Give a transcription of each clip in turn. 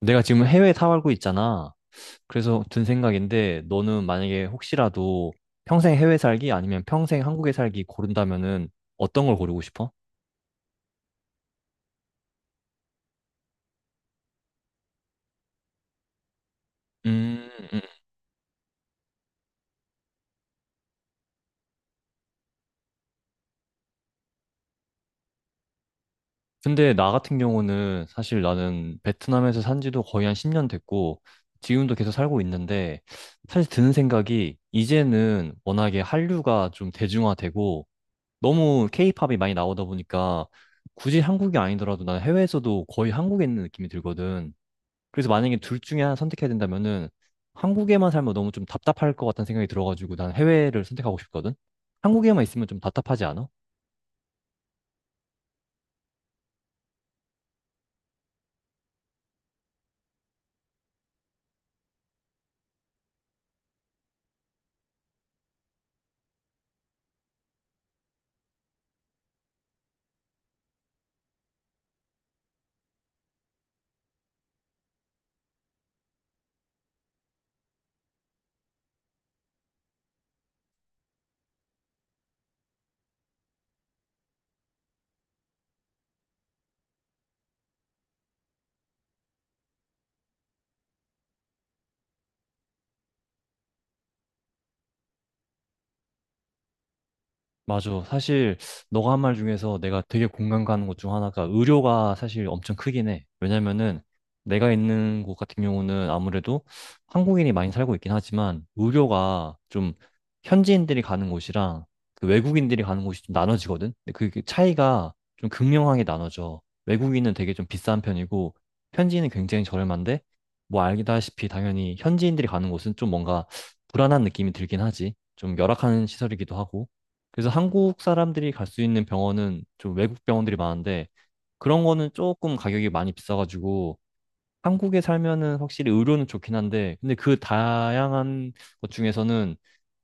내가 지금 해외에 살고 있잖아. 그래서 든 생각인데, 너는 만약에 혹시라도 평생 해외 살기 아니면 평생 한국에 살기 고른다면은 어떤 걸 고르고 싶어? 음, 음. 근데 나 같은 경우는 사실 나는 베트남에서 산 지도 거의 한 10년 됐고, 지금도 계속 살고 있는데, 사실 드는 생각이 이제는 워낙에 한류가 좀 대중화되고, 너무 케이팝이 많이 나오다 보니까, 굳이 한국이 아니더라도 난 해외에서도 거의 한국에 있는 느낌이 들거든. 그래서 만약에 둘 중에 하나 선택해야 된다면은 한국에만 살면 너무 좀 답답할 것 같다는 생각이 들어가지고 난 해외를 선택하고 싶거든? 한국에만 있으면 좀 답답하지 않아? 맞아. 사실 너가 한 말 중에서 내가 되게 공감 가는 것 중 하나가 의료가 사실 엄청 크긴 해. 왜냐면은 내가 있는 곳 같은 경우는 아무래도 한국인이 많이 살고 있긴 하지만 의료가 좀 현지인들이 가는 곳이랑 그 외국인들이 가는 곳이 좀 나눠지거든. 근데 그게 차이가 좀 극명하게 나눠져. 외국인은 되게 좀 비싼 편이고 현지인은 굉장히 저렴한데 뭐 알다시피 당연히 현지인들이 가는 곳은 좀 뭔가 불안한 느낌이 들긴 하지. 좀 열악한 시설이기도 하고. 그래서 한국 사람들이 갈 수 있는 병원은 좀 외국 병원들이 많은데 그런 거는 조금 가격이 많이 비싸가지고 한국에 살면은 확실히 의료는 좋긴 한데 근데 그 다양한 것 중에서는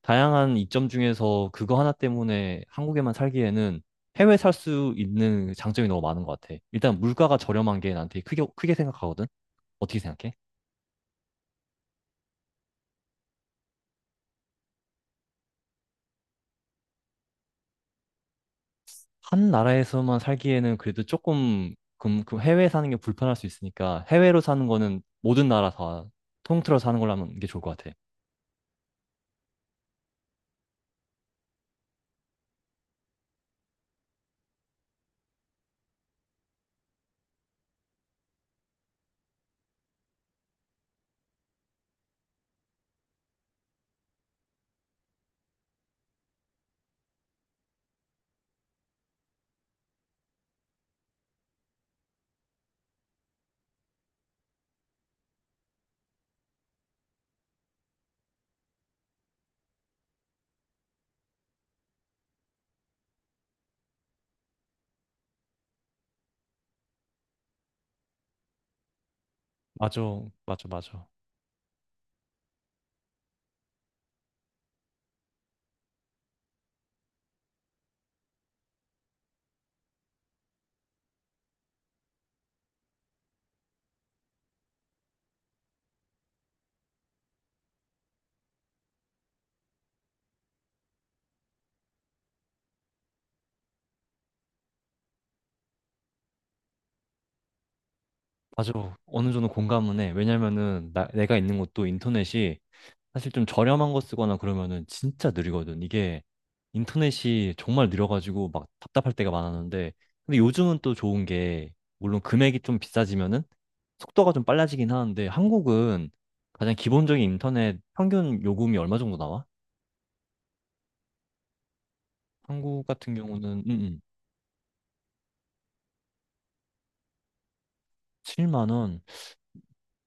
다양한 이점 중에서 그거 하나 때문에 한국에만 살기에는 해외 살 수 있는 장점이 너무 많은 것 같아. 일단 물가가 저렴한 게 나한테 크게 크게 생각하거든. 어떻게 생각해? 한 나라에서만 살기에는 그래도 조금 그 해외에 사는 게 불편할 수 있으니까 해외로 사는 거는 모든 나라 다 통틀어 사는 걸로 하는 게 좋을 것 같아. 맞아, 맞아, 맞아. 맞아. 어느 정도 공감은 해. 왜냐면은 내가 있는 곳도 인터넷이 사실 좀 저렴한 거 쓰거나 그러면은 진짜 느리거든. 이게 인터넷이 정말 느려가지고 막 답답할 때가 많았는데, 근데 요즘은 또 좋은 게, 물론 금액이 좀 비싸지면은 속도가 좀 빨라지긴 하는데, 한국은 가장 기본적인 인터넷 평균 요금이 얼마 정도 나와? 한국 같은 경우는 7만 원.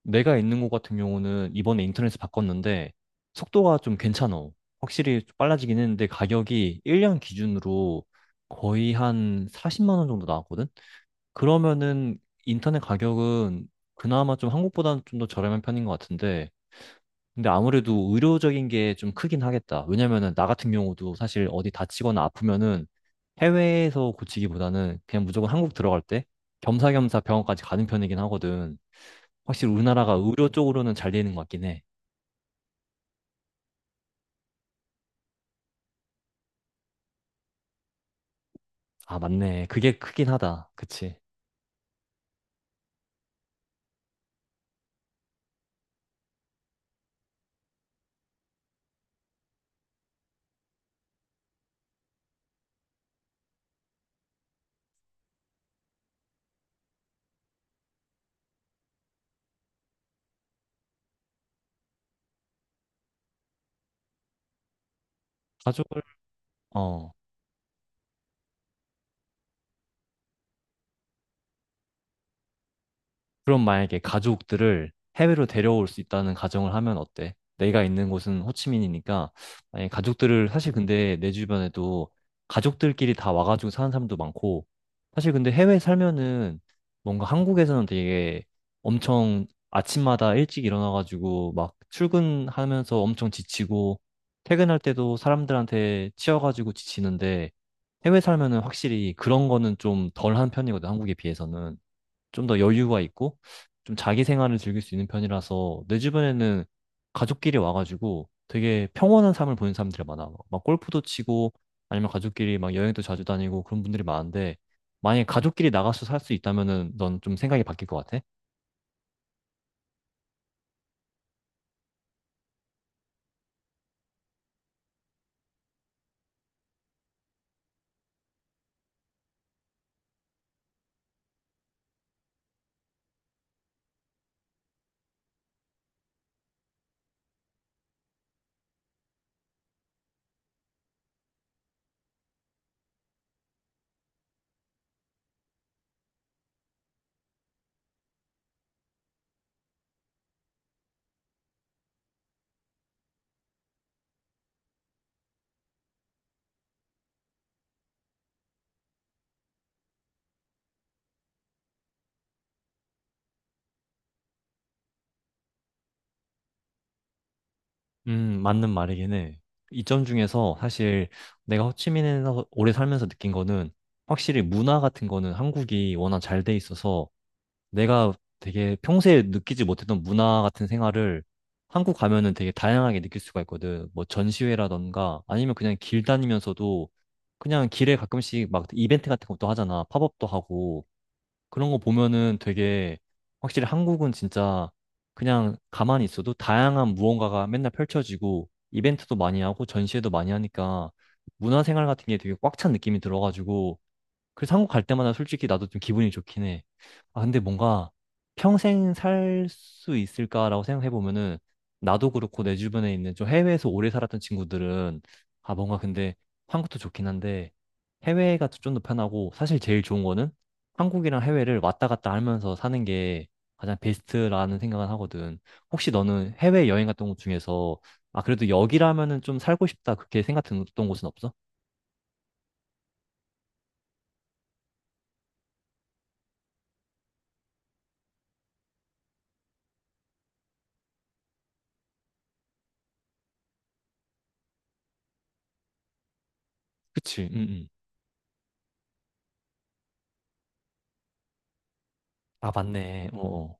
내가 있는 곳 같은 경우는 이번에 인터넷에 바꿨는데 속도가 좀 괜찮아. 확실히 좀 빨라지긴 했는데 가격이 1년 기준으로 거의 한 40만 원 정도 나왔거든? 그러면은 인터넷 가격은 그나마 좀 한국보다는 좀 더 저렴한 편인 것 같은데 근데 아무래도 의료적인 게 좀 크긴 하겠다. 왜냐면은 나 같은 경우도 사실 어디 다치거나 아프면은 해외에서 고치기보다는 그냥 무조건 한국 들어갈 때 겸사겸사 병원까지 가는 편이긴 하거든. 확실히 우리나라가 의료 쪽으로는 잘 되는 것 같긴 해. 아, 맞네. 그게 크긴 하다. 그치. 가족을, 어, 그럼 만약에 가족들을 해외로 데려올 수 있다는 가정을 하면 어때? 내가 있는 곳은 호치민이니까 만약에 가족들을 사실 근데 내 주변에도 가족들끼리 다 와가지고 사는 사람도 많고 사실 근데 해외 살면은 뭔가 한국에서는 되게 엄청 아침마다 일찍 일어나가지고 막 출근하면서 엄청 지치고 퇴근할 때도 사람들한테 치여가지고 지치는데 해외 살면은 확실히 그런 거는 좀 덜한 편이거든 한국에 비해서는 좀 더 여유가 있고 좀 자기 생활을 즐길 수 있는 편이라서 내 주변에는 가족끼리 와가지고 되게 평온한 삶을 보는 사람들이 많아. 막 골프도 치고 아니면 가족끼리 막 여행도 자주 다니고 그런 분들이 많은데 만약에 가족끼리 나가서 살 수 있다면은 넌 좀 생각이 바뀔 것 같아? 맞는 말이긴 해. 이점 중에서 사실 내가 호치민에서 오래 살면서 느낀 거는 확실히 문화 같은 거는 한국이 워낙 잘 돼 있어서 내가 되게 평소에 느끼지 못했던 문화 같은 생활을 한국 가면은 되게 다양하게 느낄 수가 있거든. 뭐 전시회라던가 아니면 그냥 길 다니면서도 그냥 길에 가끔씩 막 이벤트 같은 것도 하잖아. 팝업도 하고 그런 거 보면은 되게 확실히 한국은 진짜 그냥 가만히 있어도 다양한 무언가가 맨날 펼쳐지고 이벤트도 많이 하고 전시회도 많이 하니까 문화 생활 같은 게 되게 꽉 찬 느낌이 들어가지고 그래서 한국 갈 때마다 솔직히 나도 좀 기분이 좋긴 해. 아, 근데 뭔가 평생 살 수 있을까라고 생각해 보면은 나도 그렇고 내 주변에 있는 좀 해외에서 오래 살았던 친구들은 아, 뭔가 근데 한국도 좋긴 한데 해외가 좀 더 편하고 사실 제일 좋은 거는 한국이랑 해외를 왔다 갔다 하면서 사는 게 가장 베스트라는 생각은 하거든. 혹시 너는 해외 여행 갔던 곳 중에서 아, 그래도 여기라면은 좀 살고 싶다 그렇게 생각했던 곳은 없어? 그치, 응, 응. 아, 맞네. 어. 어.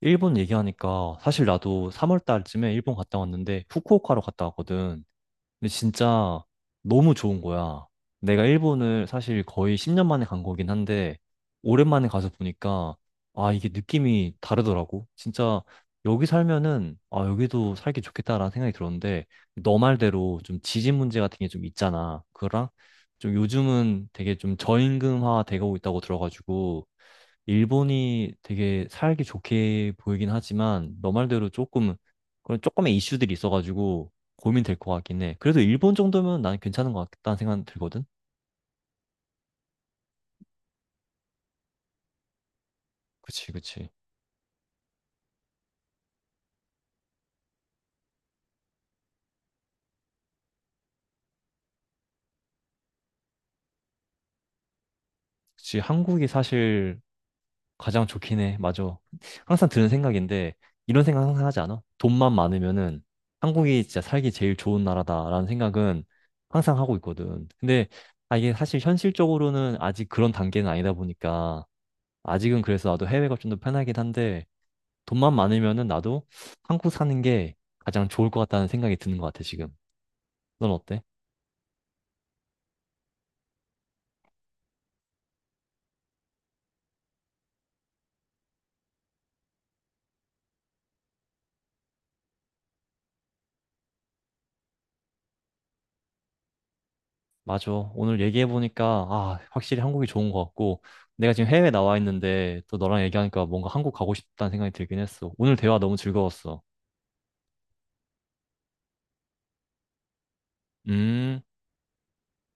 일본 얘기하니까 사실 나도 3월 달쯤에 일본 갔다 왔는데 후쿠오카로 갔다 왔거든. 근데 진짜 너무 좋은 거야. 내가 일본을 사실 거의 10년 만에 간 거긴 한데 오랜만에 가서 보니까 아, 이게 느낌이 다르더라고. 진짜 여기 살면은 아, 여기도 살기 좋겠다라는 생각이 들었는데 너 말대로 좀 지진 문제 같은 게 좀 있잖아. 그거랑 좀 요즘은 되게 좀 저임금화 되고 있다고 들어가지고 일본이 되게 살기 좋게 보이긴 하지만 너 말대로 조금 그런 조금의 이슈들이 있어가지고 고민될 것 같긴 해. 그래도 일본 정도면 난 괜찮은 것 같다는 생각 들거든. 그치, 그치. 그치, 한국이 사실 가장 좋긴 해. 맞아. 항상 드는 생각인데 이런 생각 항상 하지 않아? 돈만 많으면은 한국이 진짜 살기 제일 좋은 나라다라는 생각은 항상 하고 있거든. 근데 아, 이게 사실 현실적으로는 아직 그런 단계는 아니다 보니까 아직은 그래서 나도 해외가 좀 더 편하긴 한데 돈만 많으면은 나도 한국 사는 게 가장 좋을 것 같다는 생각이 드는 것 같아, 지금. 넌 어때? 맞아. 오늘 얘기해보니까, 아, 확실히 한국이 좋은 것 같고, 내가 지금 해외에 나와 있는데, 또 너랑 얘기하니까 뭔가 한국 가고 싶다는 생각이 들긴 했어. 오늘 대화 너무 즐거웠어. 음.